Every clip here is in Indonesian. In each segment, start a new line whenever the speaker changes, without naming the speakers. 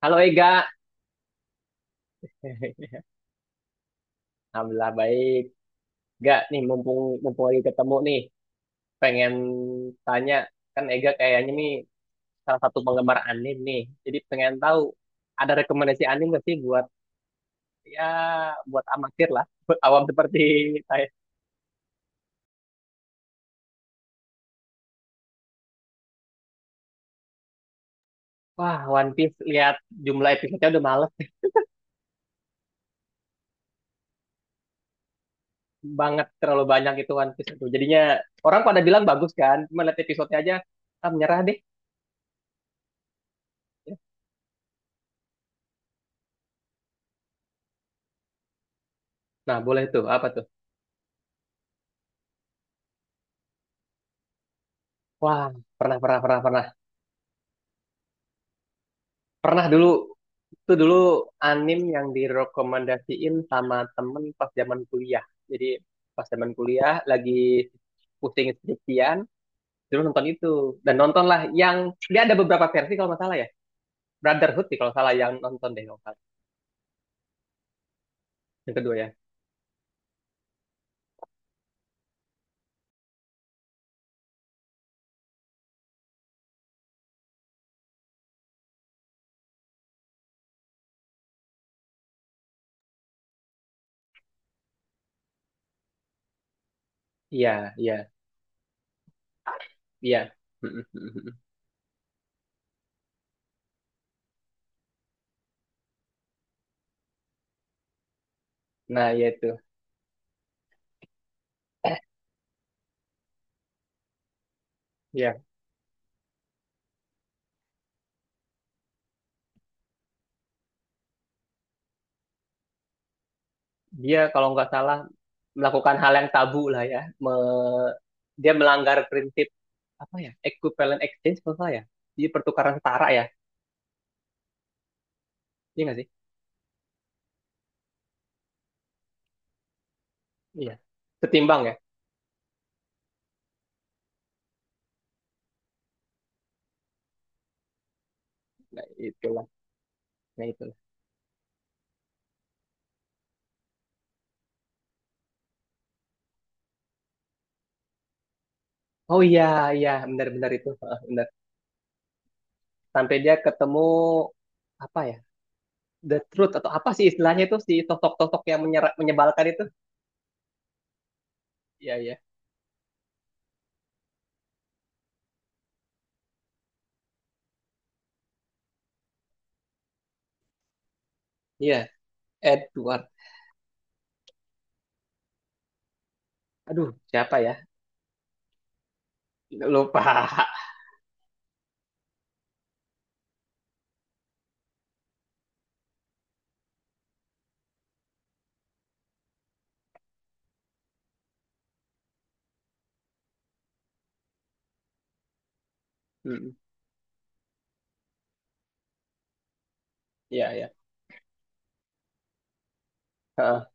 Halo Ega. Alhamdulillah baik. Gak nih, mumpung mumpung lagi ketemu nih, pengen tanya, kan Ega kayaknya nih salah satu penggemar anim nih. Jadi pengen tahu, ada rekomendasi anim gak sih buat, ya, buat amatir lah, buat awam seperti saya. Wah, One Piece, lihat jumlah episodenya udah males banget, terlalu banyak itu One Piece itu. Jadinya orang pada bilang bagus kan, cuma lihat episodenya aja, ah menyerah deh. Nah, boleh tuh, apa tuh? Wah, pernah pernah pernah pernah. Pernah dulu. Itu dulu anim yang direkomendasiin sama temen pas zaman kuliah. Jadi pas zaman kuliah lagi pusing skripsian, dulu nonton itu. Dan nontonlah yang, dia ada beberapa versi kalau nggak salah ya. Brotherhood sih kalau salah yang nonton deh kalau nggak salah. Yang kedua ya. Iya, iya, iya. Nah, ya itu. Ya, dia kalau nggak salah melakukan hal yang tabu lah ya. Me- Dia melanggar prinsip apa ya? Equivalent exchange kalau nggak salah ya. Jadi pertukaran setara ya. Iya nggak sih? Iya, setimbang ya. Nah, itulah. Nah, itulah. Oh iya, iya, benar-benar itu. Heeh, benar. Sampai dia ketemu apa ya? The Truth atau apa sih istilahnya itu si sosok-sosok yang menyebalkan itu? Iya, iya. Iya, Edward. Aduh, siapa ya? Lupa. Mm. Iya, iya. Heeh,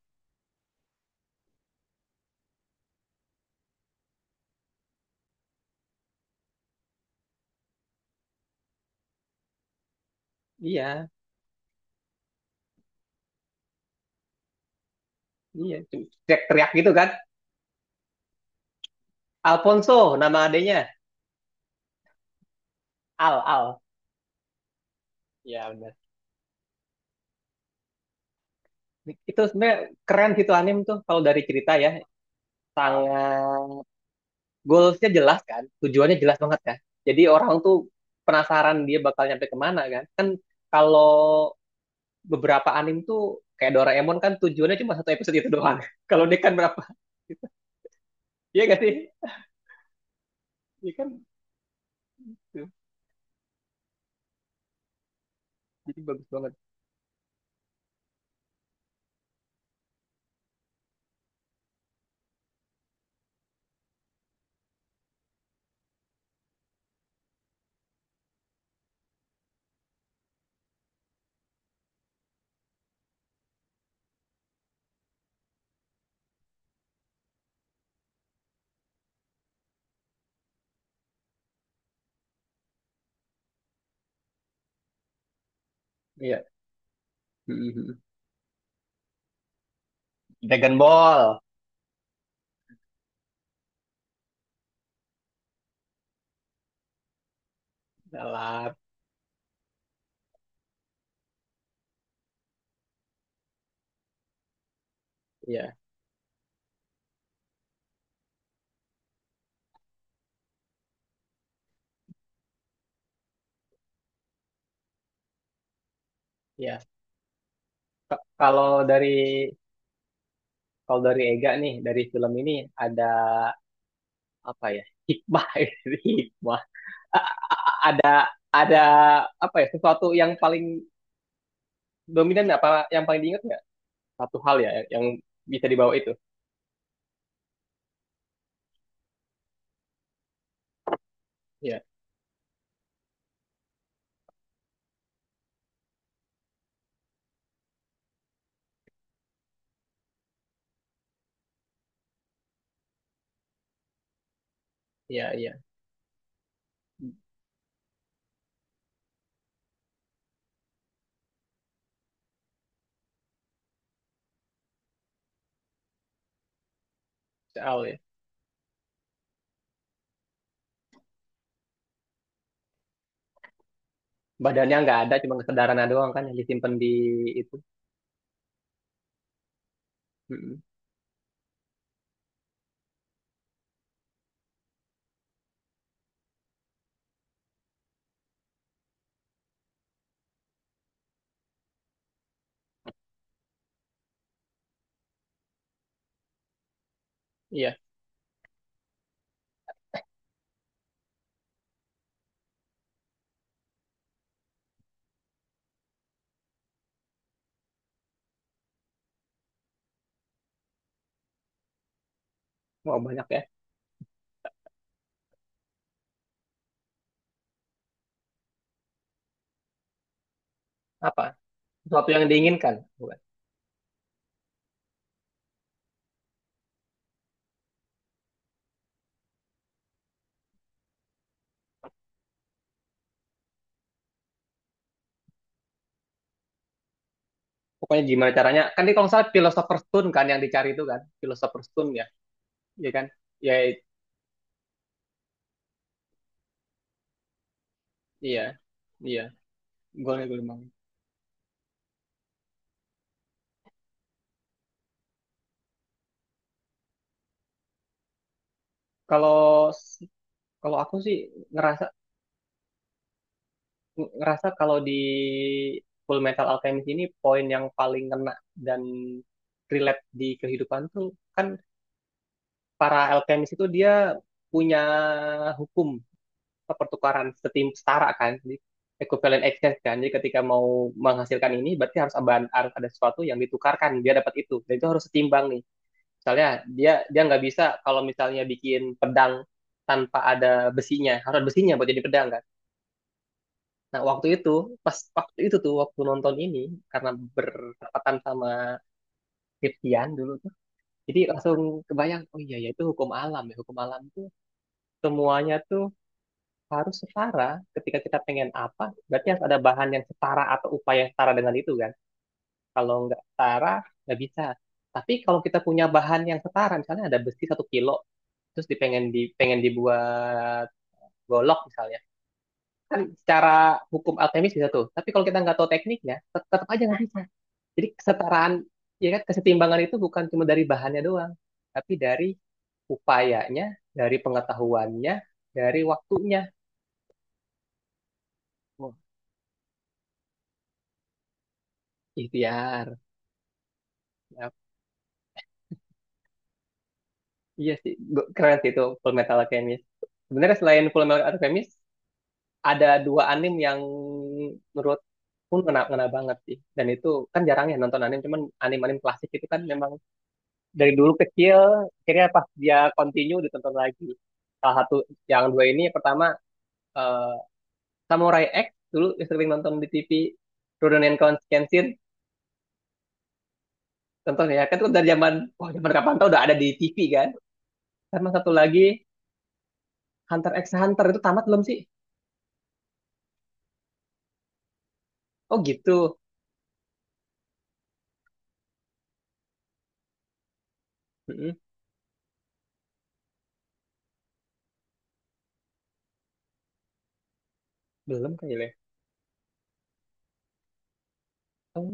iya, iya. Cuma teriak-teriak gitu kan. Alfonso nama adanya. Al, Al. Iya, benar. Itu sebenarnya keren gitu anim tuh kalau dari cerita ya. Sangat, goalsnya jelas kan, tujuannya jelas banget kan. Jadi orang tuh penasaran dia bakal nyampe kemana kan. Kan kalau beberapa anime tuh kayak Doraemon kan tujuannya cuma satu episode itu doang. Kalau dia kan berapa? Gitu. Iya gak sih? Iya kan? Tuh, jadi bagus banget. Iya. Mhm. Dragon Ball. Dalam. Iya. Iya. Kalau dari, kalau dari Ega nih, dari film ini ada apa ya? Hikmah, hikmah. A- Ada ada apa ya? Sesuatu yang paling dominan, apa yang paling diingat, nggak satu hal ya yang bisa dibawa itu, ya, iya, iya, soal ya, badannya nggak ada cuma kesadarannya doang kan yang disimpan di itu. Mm-mm. Iya, mau banyak ya, apa, sesuatu yang diinginkan bukan, pokoknya gimana caranya kan ini kalau nggak salah philosopher's stone kan yang dicari itu kan philosopher's stone ya, iya kan, ya, iya, iya. Gue bilang, kalau kalau aku sih ngerasa, ngerasa kalau di Full Metal Alchemist ini poin yang paling kena dan relate di kehidupan tuh, kan para alchemist itu dia punya hukum apa, pertukaran setim setara kan, jadi equivalent exchange kan, jadi ketika mau menghasilkan ini berarti harus ada sesuatu yang ditukarkan, dia dapat itu dan itu harus setimbang nih. Misalnya dia dia nggak bisa kalau misalnya bikin pedang tanpa ada besinya, harus ada besinya buat jadi pedang kan. Nah, waktu itu, pas waktu itu tuh, waktu nonton ini, karena bertepatan sama Kriptian dulu tuh, jadi langsung kebayang, oh iya, ya itu hukum alam ya. Hukum alam tuh semuanya tuh harus setara. Ketika kita pengen apa, berarti harus ada bahan yang setara atau upaya yang setara dengan itu kan. Kalau nggak setara, nggak bisa. Tapi kalau kita punya bahan yang setara, misalnya ada besi satu kilo, terus dipengen di, pengen dibuat golok misalnya, kan secara hukum alkemis bisa tuh. Tapi kalau kita nggak tahu tekniknya, tetap aja nggak bisa. Jadi kesetaraan, ya kan kesetimbangan itu bukan cuma dari bahannya doang, tapi dari upayanya, dari pengetahuannya, dari waktunya. Wah, ikhtiar. Ya, iya sih, keren sih itu Full Metal Alchemist. Sebenarnya selain Full Metal Alchemist, ada dua anime yang menurut pun ngena, ngena banget sih. Dan itu kan jarang ya nonton anime, cuman anime-anime klasik itu kan memang dari dulu kecil, akhirnya pas dia continue ditonton lagi. Salah satu yang dua ini, yang pertama eh, Samurai X, dulu yang sering nonton di TV, Rurouni Kenshin contohnya, ya kan, itu dari zaman, wah zaman kapan tau udah ada di TV kan. Sama satu lagi Hunter X Hunter, itu tamat belum sih? Oh gitu. Mm-mm, belum kayaknya. Oh,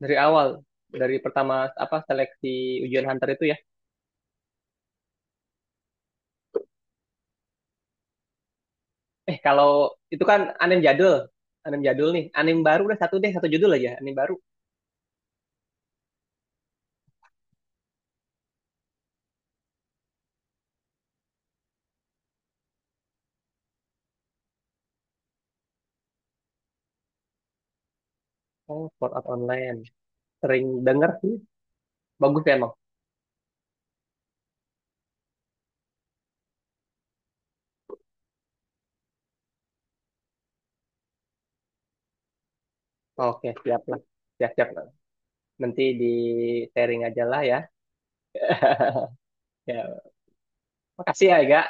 dari awal, dari pertama apa seleksi ujian Hunter itu ya. Eh kalau itu kan anim jadul, anim jadul nih, anim baru udah, satu deh, satu judul aja anim baru. Oh, Sword Art Online, sering denger sih, bagus ya emang. Oke, siap lah, siap siap, nanti di sharing aja lah ya. Ya, makasih ya Ega.